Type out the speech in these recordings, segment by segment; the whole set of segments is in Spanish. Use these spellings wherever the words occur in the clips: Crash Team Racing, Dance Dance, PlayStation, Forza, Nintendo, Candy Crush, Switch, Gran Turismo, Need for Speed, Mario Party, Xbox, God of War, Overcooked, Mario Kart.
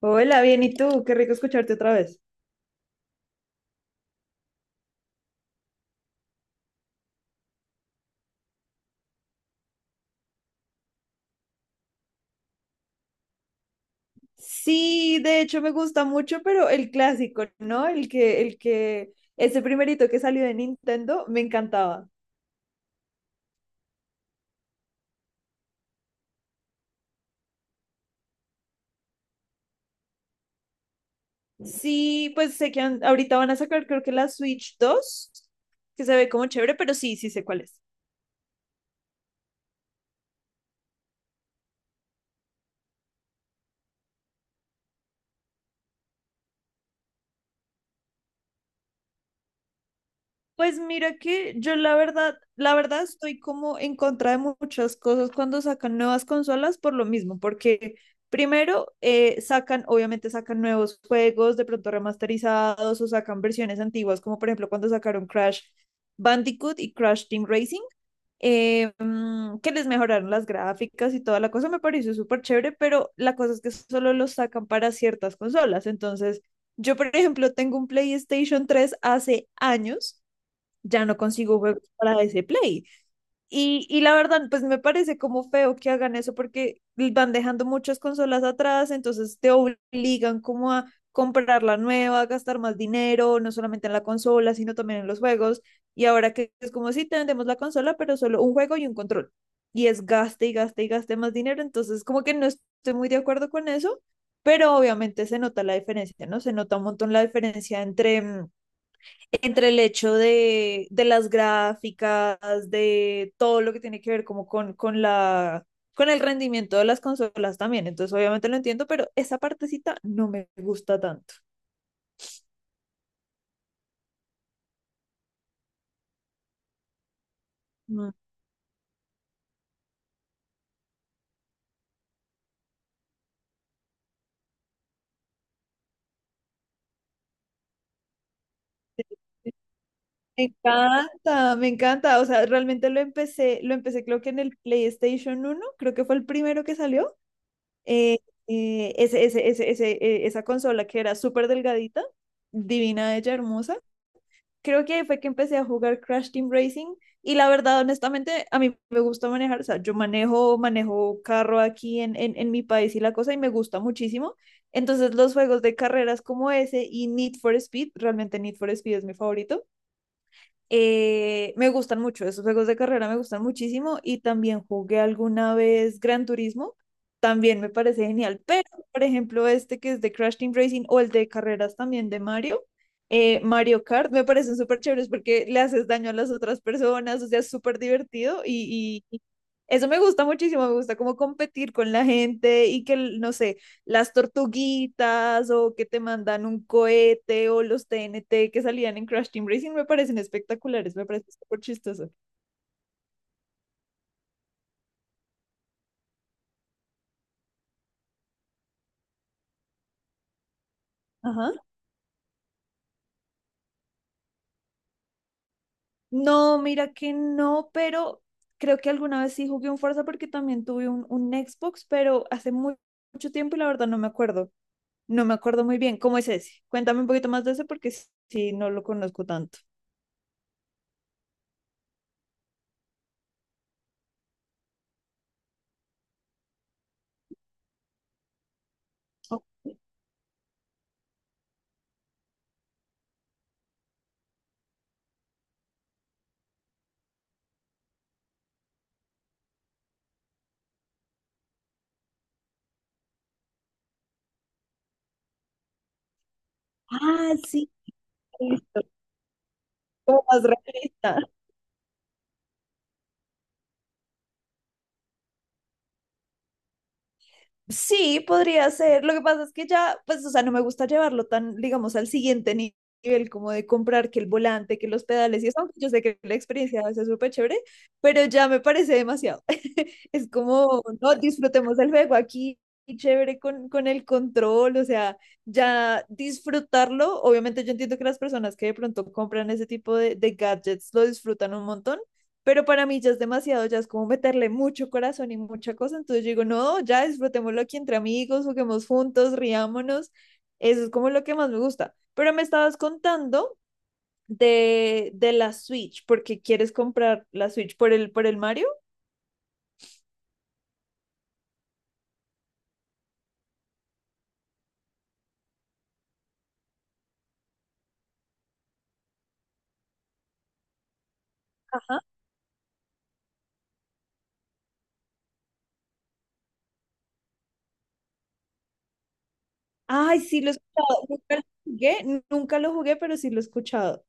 Hola, bien, ¿y tú? Qué rico escucharte otra vez. Sí, de hecho me gusta mucho, pero el clásico, ¿no? Ese primerito que salió de Nintendo, me encantaba. Sí, pues sé que han- ahorita van a sacar creo que la Switch 2, que se ve como chévere, pero sí, sí sé cuál es. Pues mira que yo la verdad estoy como en contra de muchas cosas cuando sacan nuevas consolas por lo mismo, porque primero sacan, obviamente sacan nuevos juegos, de pronto remasterizados o sacan versiones antiguas, como por ejemplo cuando sacaron Crash Bandicoot y Crash Team Racing, que les mejoraron las gráficas y toda la cosa, me pareció súper chévere, pero la cosa es que solo los sacan para ciertas consolas, entonces yo por ejemplo tengo un PlayStation tres hace años ya no consigo juegos para ese Play. Y la verdad, pues me parece como feo que hagan eso porque van dejando muchas consolas atrás, entonces te obligan como a comprar la nueva, gastar más dinero, no solamente en la consola, sino también en los juegos. Y ahora que es como si sí, te vendemos la consola, pero solo un juego y un control. Y es gaste y gaste y gaste más dinero. Entonces, como que no estoy muy de acuerdo con eso, pero obviamente se nota la diferencia, ¿no? Se nota un montón la diferencia entre entre el hecho de las gráficas, de todo lo que tiene que ver como con el rendimiento de las consolas también. Entonces, obviamente lo entiendo, pero esa partecita no me gusta tanto. Mm. Me encanta, me encanta. O sea, realmente lo empecé creo que en el PlayStation uno creo que fue el primero que salió. Eh, esa consola que era súper delgadita, divina, ella hermosa. Creo que ahí fue que empecé a jugar Crash Team Racing y la verdad, honestamente, a mí me gusta manejar, o sea, yo manejo, manejo carro aquí en mi país y la cosa y me gusta muchísimo. Entonces los juegos de carreras como ese y Need for Speed, realmente Need for Speed es mi favorito, me gustan mucho, esos juegos de carrera me gustan muchísimo y también jugué alguna vez Gran Turismo, también me parece genial, pero por ejemplo este que es de Crash Team Racing o el de carreras también de Mario, Mario Kart, me parecen súper chéveres porque le haces daño a las otras personas, o sea, es súper divertido y eso me gusta muchísimo, me gusta como competir con la gente y que, no sé, las tortuguitas o que te mandan un cohete o los TNT que salían en Crash Team Racing me parecen espectaculares, me parece súper chistoso. Ajá. No, mira que no, pero creo que alguna vez sí jugué un Forza porque también tuve un Xbox, pero hace mucho tiempo y la verdad no me acuerdo. No me acuerdo muy bien. ¿Cómo es ese? Cuéntame un poquito más de ese porque sí, sí no lo conozco tanto. Oh. Ah, sí. Listo. Como más realista. Sí, podría ser. Lo que pasa es que ya, pues, o sea, no me gusta llevarlo tan, digamos, al siguiente ni- nivel, como de comprar que el volante, que los pedales y eso, aunque yo sé que la experiencia es súper chévere, pero ya me parece demasiado. Es como, no, disfrutemos el juego aquí, y chévere con el control, o sea, ya disfrutarlo. Obviamente yo entiendo que las personas que de pronto compran ese tipo de gadgets lo disfrutan un montón, pero para mí ya es demasiado, ya es como meterle mucho corazón y mucha cosa, entonces yo digo, no, ya disfrutémoslo aquí entre amigos, juguemos juntos, riámonos, eso es como lo que más me gusta. Pero me estabas contando de la Switch, porque quieres comprar la Switch por el Mario. Ajá. Ay, sí, lo he escuchado, nunca lo jugué, nunca lo jugué, pero sí lo he escuchado.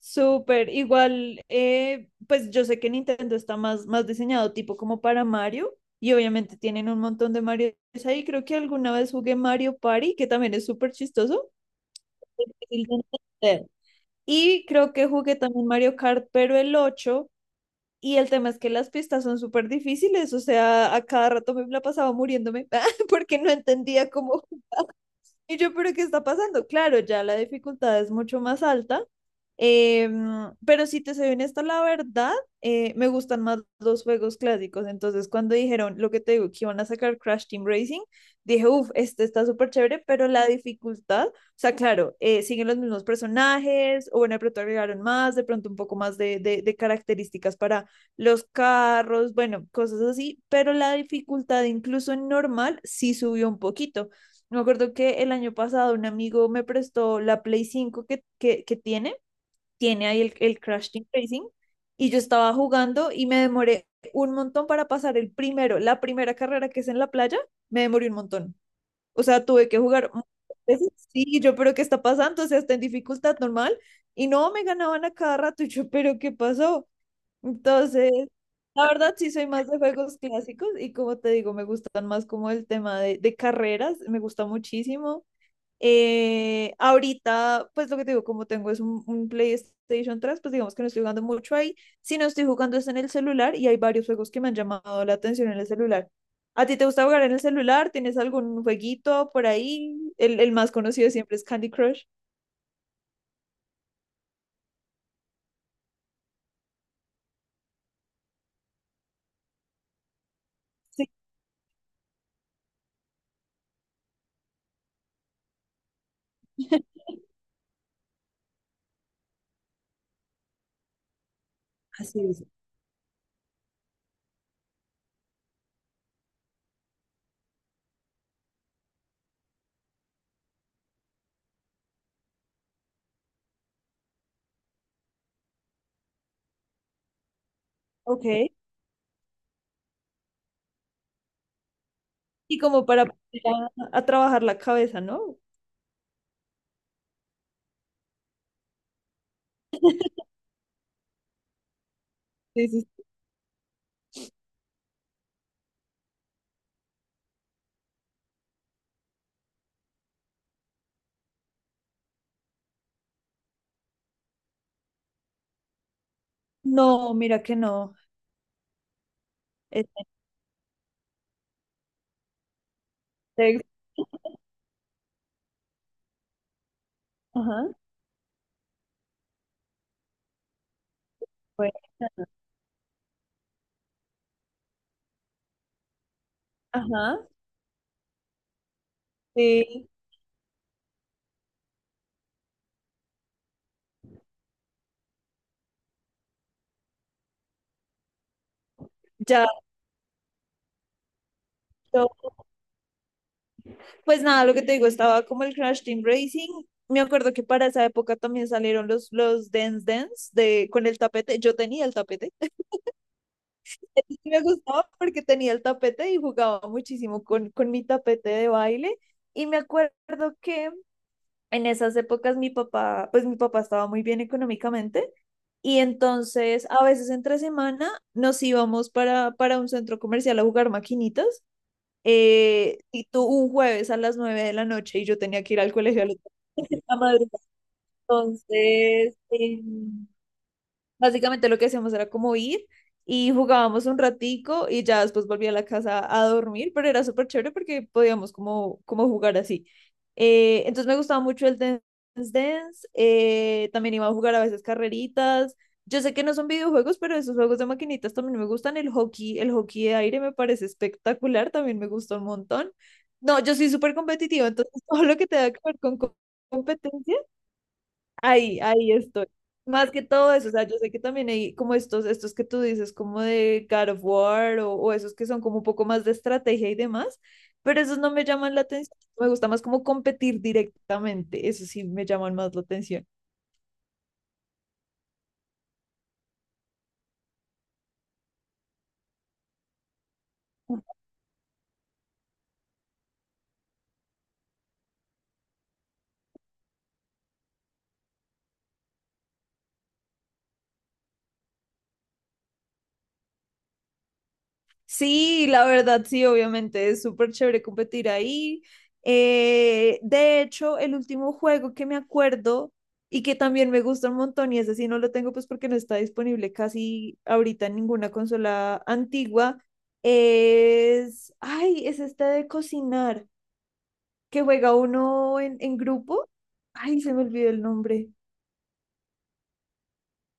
Súper, igual, pues yo sé que Nintendo está más diseñado tipo como para Mario y obviamente tienen un montón de Mario ahí. Creo que alguna vez jugué Mario Party, que también es súper chistoso. Difícil de entender. Y creo que jugué también Mario Kart, pero el ocho. Y el tema es que las pistas son súper difíciles, o sea, a cada rato me la pasaba muriéndome porque no entendía cómo. Y yo, pero ¿qué está pasando? Claro, ya la dificultad es mucho más alta. Em, pero si te soy honesta, la verdad, me gustan más los juegos clásicos. Entonces, cuando dijeron lo que te digo, que iban a sacar Crash Team Racing, dije, uff, este está súper chévere, pero la dificultad, o sea, claro, siguen los mismos personajes, o bueno, de pronto agregaron más, de pronto un poco más de características para los carros, bueno, cosas así, pero la dificultad, incluso en normal, sí subió un poquito. Me acuerdo que el año pasado un amigo me prestó la Play cinco que tiene tiene ahí el Crash Team Racing y yo estaba jugando y me demoré un montón para pasar el primero, la primera carrera que es en la playa, me demoré un montón. O sea, tuve que jugar muchas veces. Sí, y yo, pero ¿qué está pasando? O sea, está en dificultad normal. Y no, me ganaban a cada rato. Y yo, pero ¿qué pasó? Entonces, la verdad sí soy más de juegos clásicos y como te digo, me gustan más como el tema de carreras, me gusta muchísimo. Ahorita, pues lo que te digo, como tengo es un PlayStation tres, pues digamos que no estoy jugando mucho ahí. Si no estoy jugando es en el celular y hay varios juegos que me han llamado la atención en el celular. ¿A ti te gusta jugar en el celular? ¿Tienes algún jueguito por ahí? El más conocido siempre es Candy Crush. Sí, así es. Ok. Y como para poner a trabajar la cabeza, ¿no? Sí, sí. No, mira que no. Este, ajá, bueno, ajá, sí, ya. Pues nada, lo que te digo, estaba como el Crash Team Racing. Me acuerdo que para esa época también salieron los Dance Dance de, con el tapete. Yo tenía el tapete. Y me gustaba porque tenía el tapete y jugaba muchísimo con mi tapete de baile. Y me acuerdo que en esas épocas mi papá, pues mi papá estaba muy bien económicamente. Y entonces a veces entre semana nos íbamos para un centro comercial a jugar maquinitas, y tú un jueves a las 9 de la noche y yo tenía que ir al colegio a la a madrugada. Entonces, básicamente lo que hacíamos era como ir y jugábamos un ratico y ya después volví a la casa a dormir, pero era súper chévere porque podíamos como, como jugar así. Entonces me gustaba mucho el Dance Dance, también iba a jugar a veces carreritas. Yo sé que no son videojuegos, pero esos juegos de maquinitas también me gustan. El hockey de aire me parece espectacular, también me gusta un montón. No, yo soy súper competitiva, entonces todo lo que tenga que ver con competencia ahí, ahí estoy. Más que todo eso, o sea, yo sé que también hay como estos que tú dices, como de God of War o esos que son como un poco más de estrategia y demás, pero esos no me llaman la atención. Me gusta más como competir directamente, eso sí me llaman más la atención. Sí, la verdad, sí, obviamente es súper chévere competir ahí. De hecho, el último juego que me acuerdo y que también me gusta un montón, y ese sí no lo tengo pues porque no está disponible casi ahorita en ninguna consola antigua, es, ay, es este de cocinar, que juega uno en grupo. Ay, se me olvidó el nombre.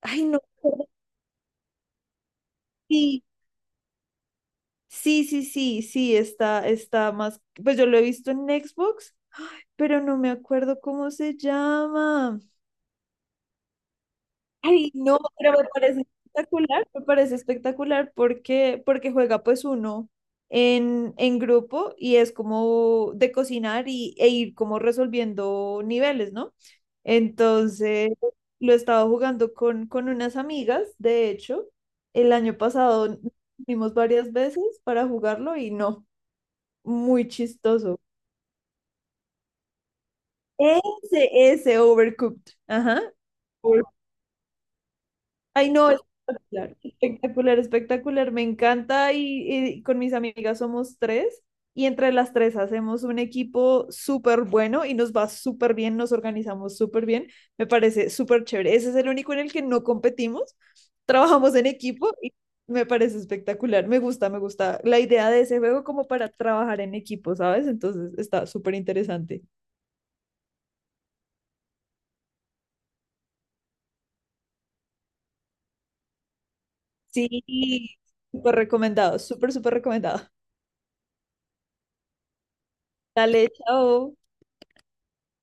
Ay, no. Sí, sí, está más, pues yo lo he visto en Xbox, pero no me acuerdo cómo se llama. Ay, no, pero me parece espectacular porque, porque juega pues uno en grupo y es como de cocinar y, e ir como resolviendo niveles, ¿no? Entonces, lo estaba jugando con unas amigas, de hecho, el año pasado nos vimos varias veces para jugarlo y no, muy chistoso. Ese Overcooked. Ajá. Ay, no, espectacular, espectacular, espectacular, me encanta, y con mis amigas somos tres y entre las tres hacemos un equipo súper bueno y nos va súper bien, nos organizamos súper bien, me parece súper chévere. Ese es el único en el que no competimos, trabajamos en equipo y me parece espectacular, me gusta la idea de ese juego como para trabajar en equipo, ¿sabes? Entonces está súper interesante. Sí, súper recomendado, súper, súper recomendado. Dale, chao.